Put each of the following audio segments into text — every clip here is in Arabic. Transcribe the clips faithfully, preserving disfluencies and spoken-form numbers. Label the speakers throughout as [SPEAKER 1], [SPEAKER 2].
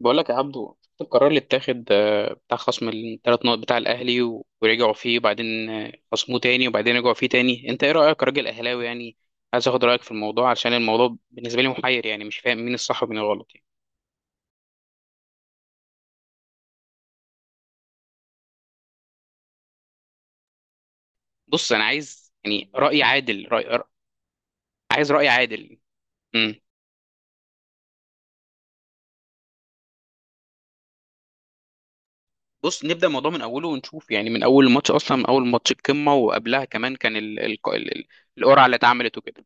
[SPEAKER 1] بقول لك يا عبدو، شفت القرار اللي اتاخد آه، بتاع خصم الثلاث نقط بتاع الاهلي و- ورجعوا فيه وبعدين آه، خصموه تاني وبعدين رجعوا فيه تاني. انت ايه رايك كراجل اهلاوي يعني؟ عايز اخد رايك في الموضوع عشان الموضوع بالنسبه لي محير، يعني مش فاهم مين الصح ومين الغلط يعني. بص، انا عايز يعني راي عادل، رأي... رأي- عايز راي عادل. امم بص، نبدا الموضوع من اوله ونشوف. يعني من اول الماتش اصلا، من اول ماتش القمه، وقبلها كمان كان ال... ال... ال... القرعه اللي اتعملت وكده.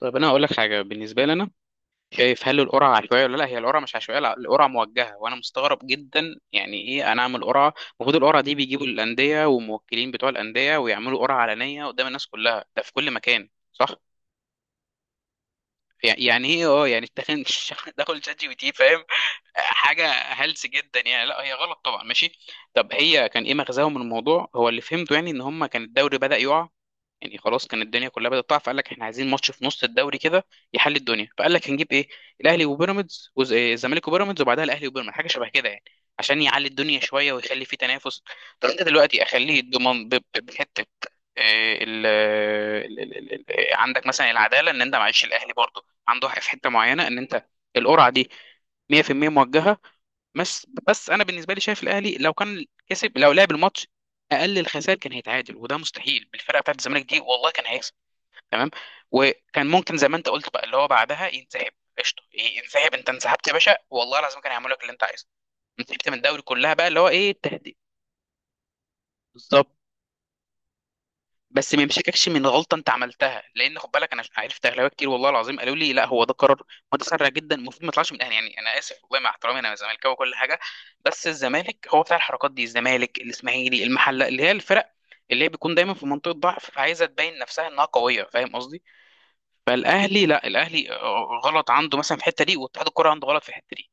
[SPEAKER 1] طيب، انا هقول لك حاجه بالنسبه لنا، شايف؟ هل القرعة عشوائية ولا لا؟ هي القرعة مش عشوائية، لا، القرعة موجهة. وانا مستغرب جدا، يعني ايه انا اعمل قرعة؟ المفروض القرعة دي بيجيبوا الأندية والموكلين بتوع الأندية، ويعملوا قرعة علنية قدام الناس كلها، ده في كل مكان، صح؟ يعني يعني ايه؟ اه، يعني داخل داخل شات جي بي تي، فاهم؟ حاجة هلس جدا يعني، لا هي غلط طبعا، ماشي. طب هي كان ايه مغزاهم من الموضوع؟ هو اللي فهمته يعني ان هم كان الدوري بدأ يقع. يعني خلاص، كان الدنيا كلها بدأت تقع، فقال لك احنا عايزين ماتش في نص الدوري كده يحل الدنيا. فقال لك هنجيب ايه؟ الاهلي وبيراميدز وز- إيه، الزمالك وبيراميدز، وبعدها الاهلي وبيراميدز، حاجه شبه كده يعني، عشان يعلي الدنيا شويه ويخلي فيه تنافس. طب انت دلوقتي اخليه ضمان ب- ب- بحته. إيه، ال ال- ال- ال- ال- آه، عندك مثلا العداله، ان انت معلش الاهلي برضه عنده حق في حته معينه، ان انت القرعه دي مية في المية موجهه. بس بس انا بالنسبه لي شايف، الاهلي لو كان كسب، لو لعب الماتش، اقل الخسائر كان هيتعادل، وده مستحيل بالفرقه بتاعت الزمالك دي، والله كان هيكسب، تمام؟ وكان ممكن زي ما انت قلت بقى اللي هو بعدها ينسحب. قشطه، إيه، ينسحب. انت انسحبت يا باشا والله العظيم كان هيعمل لك اللي انت عايزه. انسحبت من الدوري كلها، بقى اللي هو ايه التهديد؟ بالظبط. بس ما يمسككش من غلطه انت عملتها، لان خد بالك انا عرفت اغلبيه كتير والله العظيم قالوا لي لا، هو ده قرار متسرع جدا، المفروض ما يطلعش من الاهلي. يعني انا اسف والله مع احترامي، انا زملكاوي وكل حاجه، بس الزمالك هو بتاع الحركات دي، الزمالك الاسماعيلي المحله، اللي هي الفرق اللي هي بيكون دايما في منطقه ضعف فعايزه تبين نفسها انها قويه، فاهم قصدي؟ فالاهلي لا، الاهلي غلط عنده مثلا في الحته دي، واتحاد الكوره عنده غلط في الحته دي.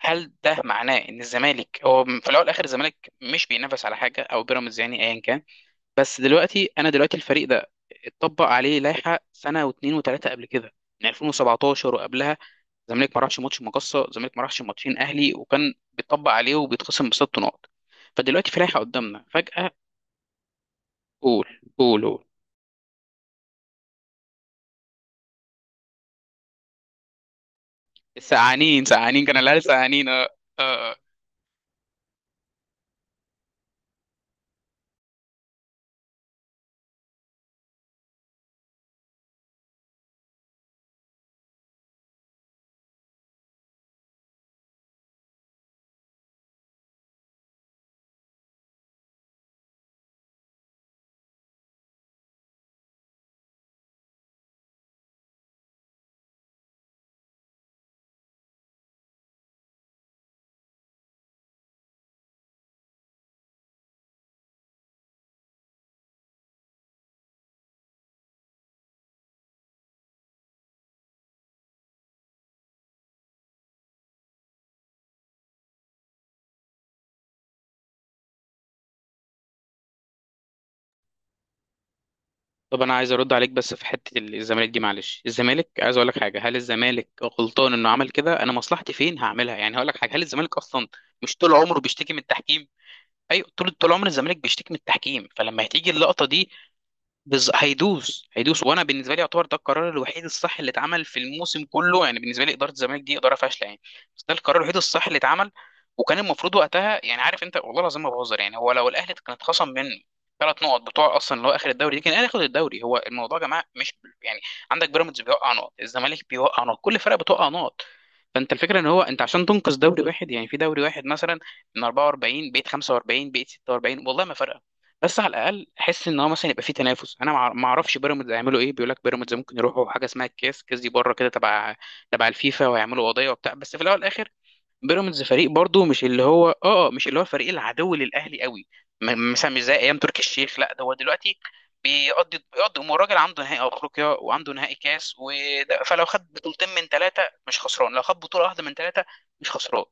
[SPEAKER 1] هل ده معناه ان الزمالك هو في الاول والاخر الزمالك مش بينافس على حاجه، او بيراميدز، يعني ايا كان. بس دلوقتي، انا دلوقتي الفريق ده اتطبق عليه لائحه سنه واثنين وثلاثه قبل كده، من ألفين وسبعة عشر وقبلها. الزمالك ما راحش ماتش مقصه، الزمالك ما راحش ماتشين اهلي وكان بيتطبق عليه وبيتخصم بست نقط. فدلوقتي في لائحه قدامنا فجاه. قول قول قول. سقعانين سقعانين كان الاهلي سقعانين، اه. اه، آه. طب انا عايز ارد عليك، بس في حته الزمالك دي، معلش، الزمالك عايز اقول لك حاجه. هل الزمالك غلطان انه عمل كده؟ انا مصلحتي فين هعملها؟ يعني هقول لك حاجه، هل الزمالك اصلا مش طول عمره بيشتكي من التحكيم؟ ايوه، طول طول عمر الزمالك بيشتكي من التحكيم، فلما هتيجي اللقطه دي بز... هيدوس هيدوس. وانا بالنسبه لي يعتبر ده القرار الوحيد الصح اللي اتعمل في الموسم كله. يعني بالنسبه لي اداره الزمالك دي اداره فاشله يعني، بس ده القرار الوحيد الصح اللي اتعمل. وكان المفروض وقتها، يعني عارف انت والله العظيم ما بهزر، يعني هو لو الاهلي كان اتخصم من ثلاث نقط بتوع اصلا اللي هو اخر الدوري دي، كان الاهلي ياخد الدوري. هو الموضوع يا جماعه مش يعني، عندك بيراميدز بيوقع نقط، الزمالك بيوقع نقط، كل فرقه بتوقع نقط. فانت الفكره ان هو انت عشان تنقذ دوري واحد، يعني في دوري واحد مثلا من اربعه واربعين بقيت خمسة وأربعون بقيت ستة وأربعون، والله ما فرق. بس على الاقل احس ان هو مثلا يبقى فيه تنافس. انا مع- ما اعرفش بيراميدز هيعملوا ايه، بيقول لك بيراميدز ممكن يروحوا حاجه اسمها الكاس، كاس دي بره كده تبع تبع الفيفا، ويعملوا قضيه وبتاع. بس في الاول والاخر بيراميدز فريق برضو مش اللي هو اه آه، مش اللي هو الفريق العدو للاهلي قوي. م- مثلا مش زي ايام تركي الشيخ، لا، ده هو دلوقتي بيقضي بيقضي امور راجل عنده نهائي افريقيا وعنده نهائي كاس وده. فلو خد بطولتين من ثلاثه مش خسران، لو خد بطوله واحده من ثلاثه مش خسران.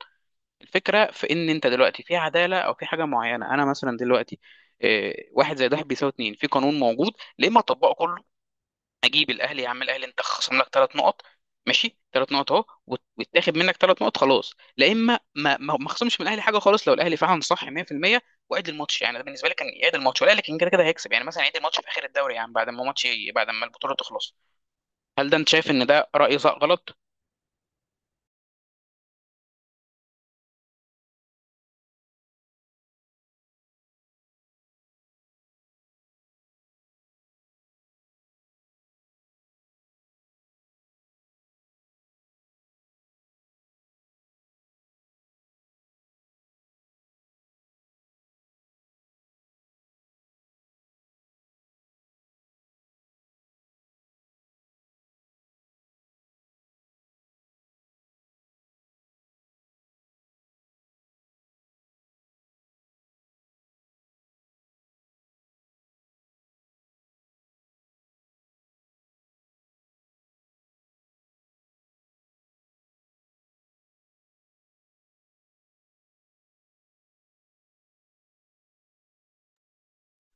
[SPEAKER 1] الفكرة في إن أنت دلوقتي في عدالة أو في حاجة معينة. أنا مثلا دلوقتي آه، واحد زائد واحد بيساوي اتنين، في قانون موجود، ليه ما أطبقه كله؟ أجيب الأهلي يا عم الأهلي، أنت خصم لك ثلاث نقط، ماشي ثلاث نقط أهو، وت- ويتاخد منك ثلاث نقط خلاص، لا إما ما ما ما خصمش من الأهلي حاجة خالص لو الأهلي فعلا صح مية في المية، وعيد الماتش. يعني ده بالنسبة لي كان يعيد الماتش، والأهلي كان كده كده هيكسب، يعني مثلا يعيد الماتش في آخر الدوري، يعني بعد ما ماتش، بعد ما البطولة تخلص. هل ده أنت شايف إن ده رأي صح- غلط؟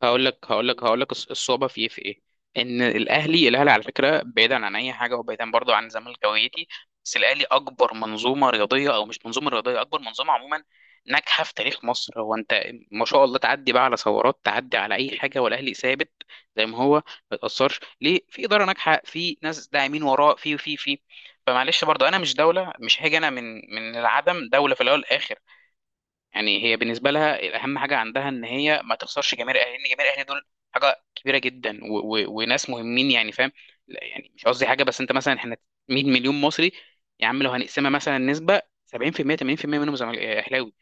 [SPEAKER 1] هقول لك هقول لك هقول لك الص- الصعوبه في ايه؟ في ايه؟ ان الاهلي، الاهلي على فكره، بعيدا عن اي حاجه وبعيدا برضو عن زمالك هويتي، بس الاهلي اكبر منظومه رياضيه، او مش منظومه رياضيه، اكبر منظومه عموما ناجحه في تاريخ مصر. هو انت ما شاء الله تعدي بقى على ثورات، تعدي على اي حاجه، والاهلي ثابت زي ما هو، ما يتاثرش. ليه؟ في اداره ناجحه، في ناس داعمين وراه، في في في فمعلش برضو، انا مش دوله، مش هاجي انا من من العدم. دوله في الاول والاخر، يعني هي بالنسبه لها الاهم حاجه عندها ان هي ما تخسرش جماهير الاهلي، لان جماهير الاهلي دول حاجه كبيره جدا و و وناس مهمين، يعني فاهم؟ لا يعني مش قصدي حاجه، بس انت مثلا، احنا مية مليون مصري يا عم، لو هنقسمها مثلا نسبه سبعين في المية، تمانين في المية منهم زمال- اهلاوي.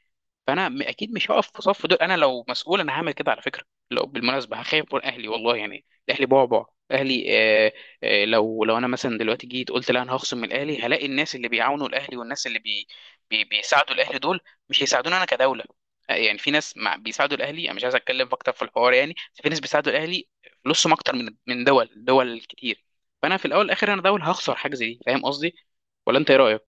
[SPEAKER 1] فانا م- اكيد مش هقف في صف دول، انا لو مسؤول انا هعمل كده على فكره. لو بالمناسبه هخاف من اهلي والله يعني، اهلي بعبع، اهلي، آه. آه، لو لو انا مثلا دلوقتي جيت قلت لا، انا هخصم من اهلي، هلاقي الناس اللي بيعاونوا الاهلي والناس اللي بي بي بيساعدوا الاهلي دول مش هيساعدوني انا كدوله. آه، يعني في ناس مع بيساعدوا الاهلي، انا مش عايز اتكلم اكتر في الحوار يعني، بس في ناس بيساعدوا الاهلي فلوسهم اكتر من من دول، دول كتير. فانا في الاول والاخر انا دول هخسر حاجه زي دي، فاهم قصدي؟ ولا انت ايه رايك؟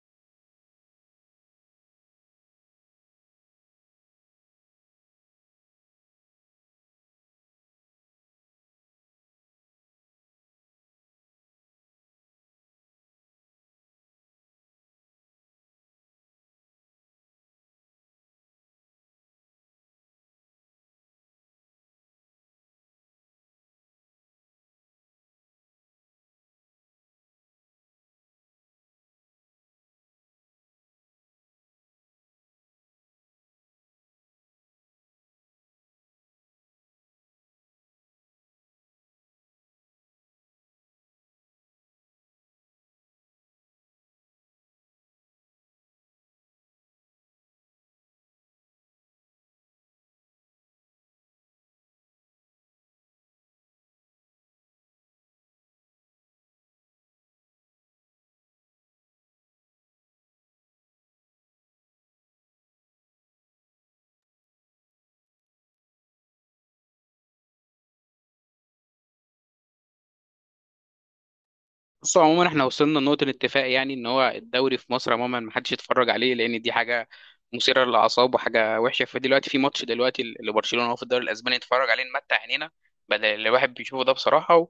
[SPEAKER 1] بص عموما، احنا وصلنا لنقطة الاتفاق يعني، ان هو الدوري في مصر عموما ما حدش يتفرج عليه، لان دي حاجة مثيرة للأعصاب وحاجة وحشة. فدلوقتي في ماتش دلوقتي اللي برشلونة هو في الدوري الأسباني، نتفرج عليه نمتع عينينا بدل اللي الواحد بيشوفه ده بصراحة، و-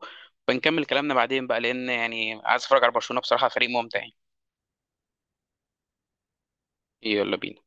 [SPEAKER 1] وبنكمل كلامنا بعدين بقى، لأن يعني عايز اتفرج على برشلونة بصراحة، فريق ممتع يعني. يلا بينا.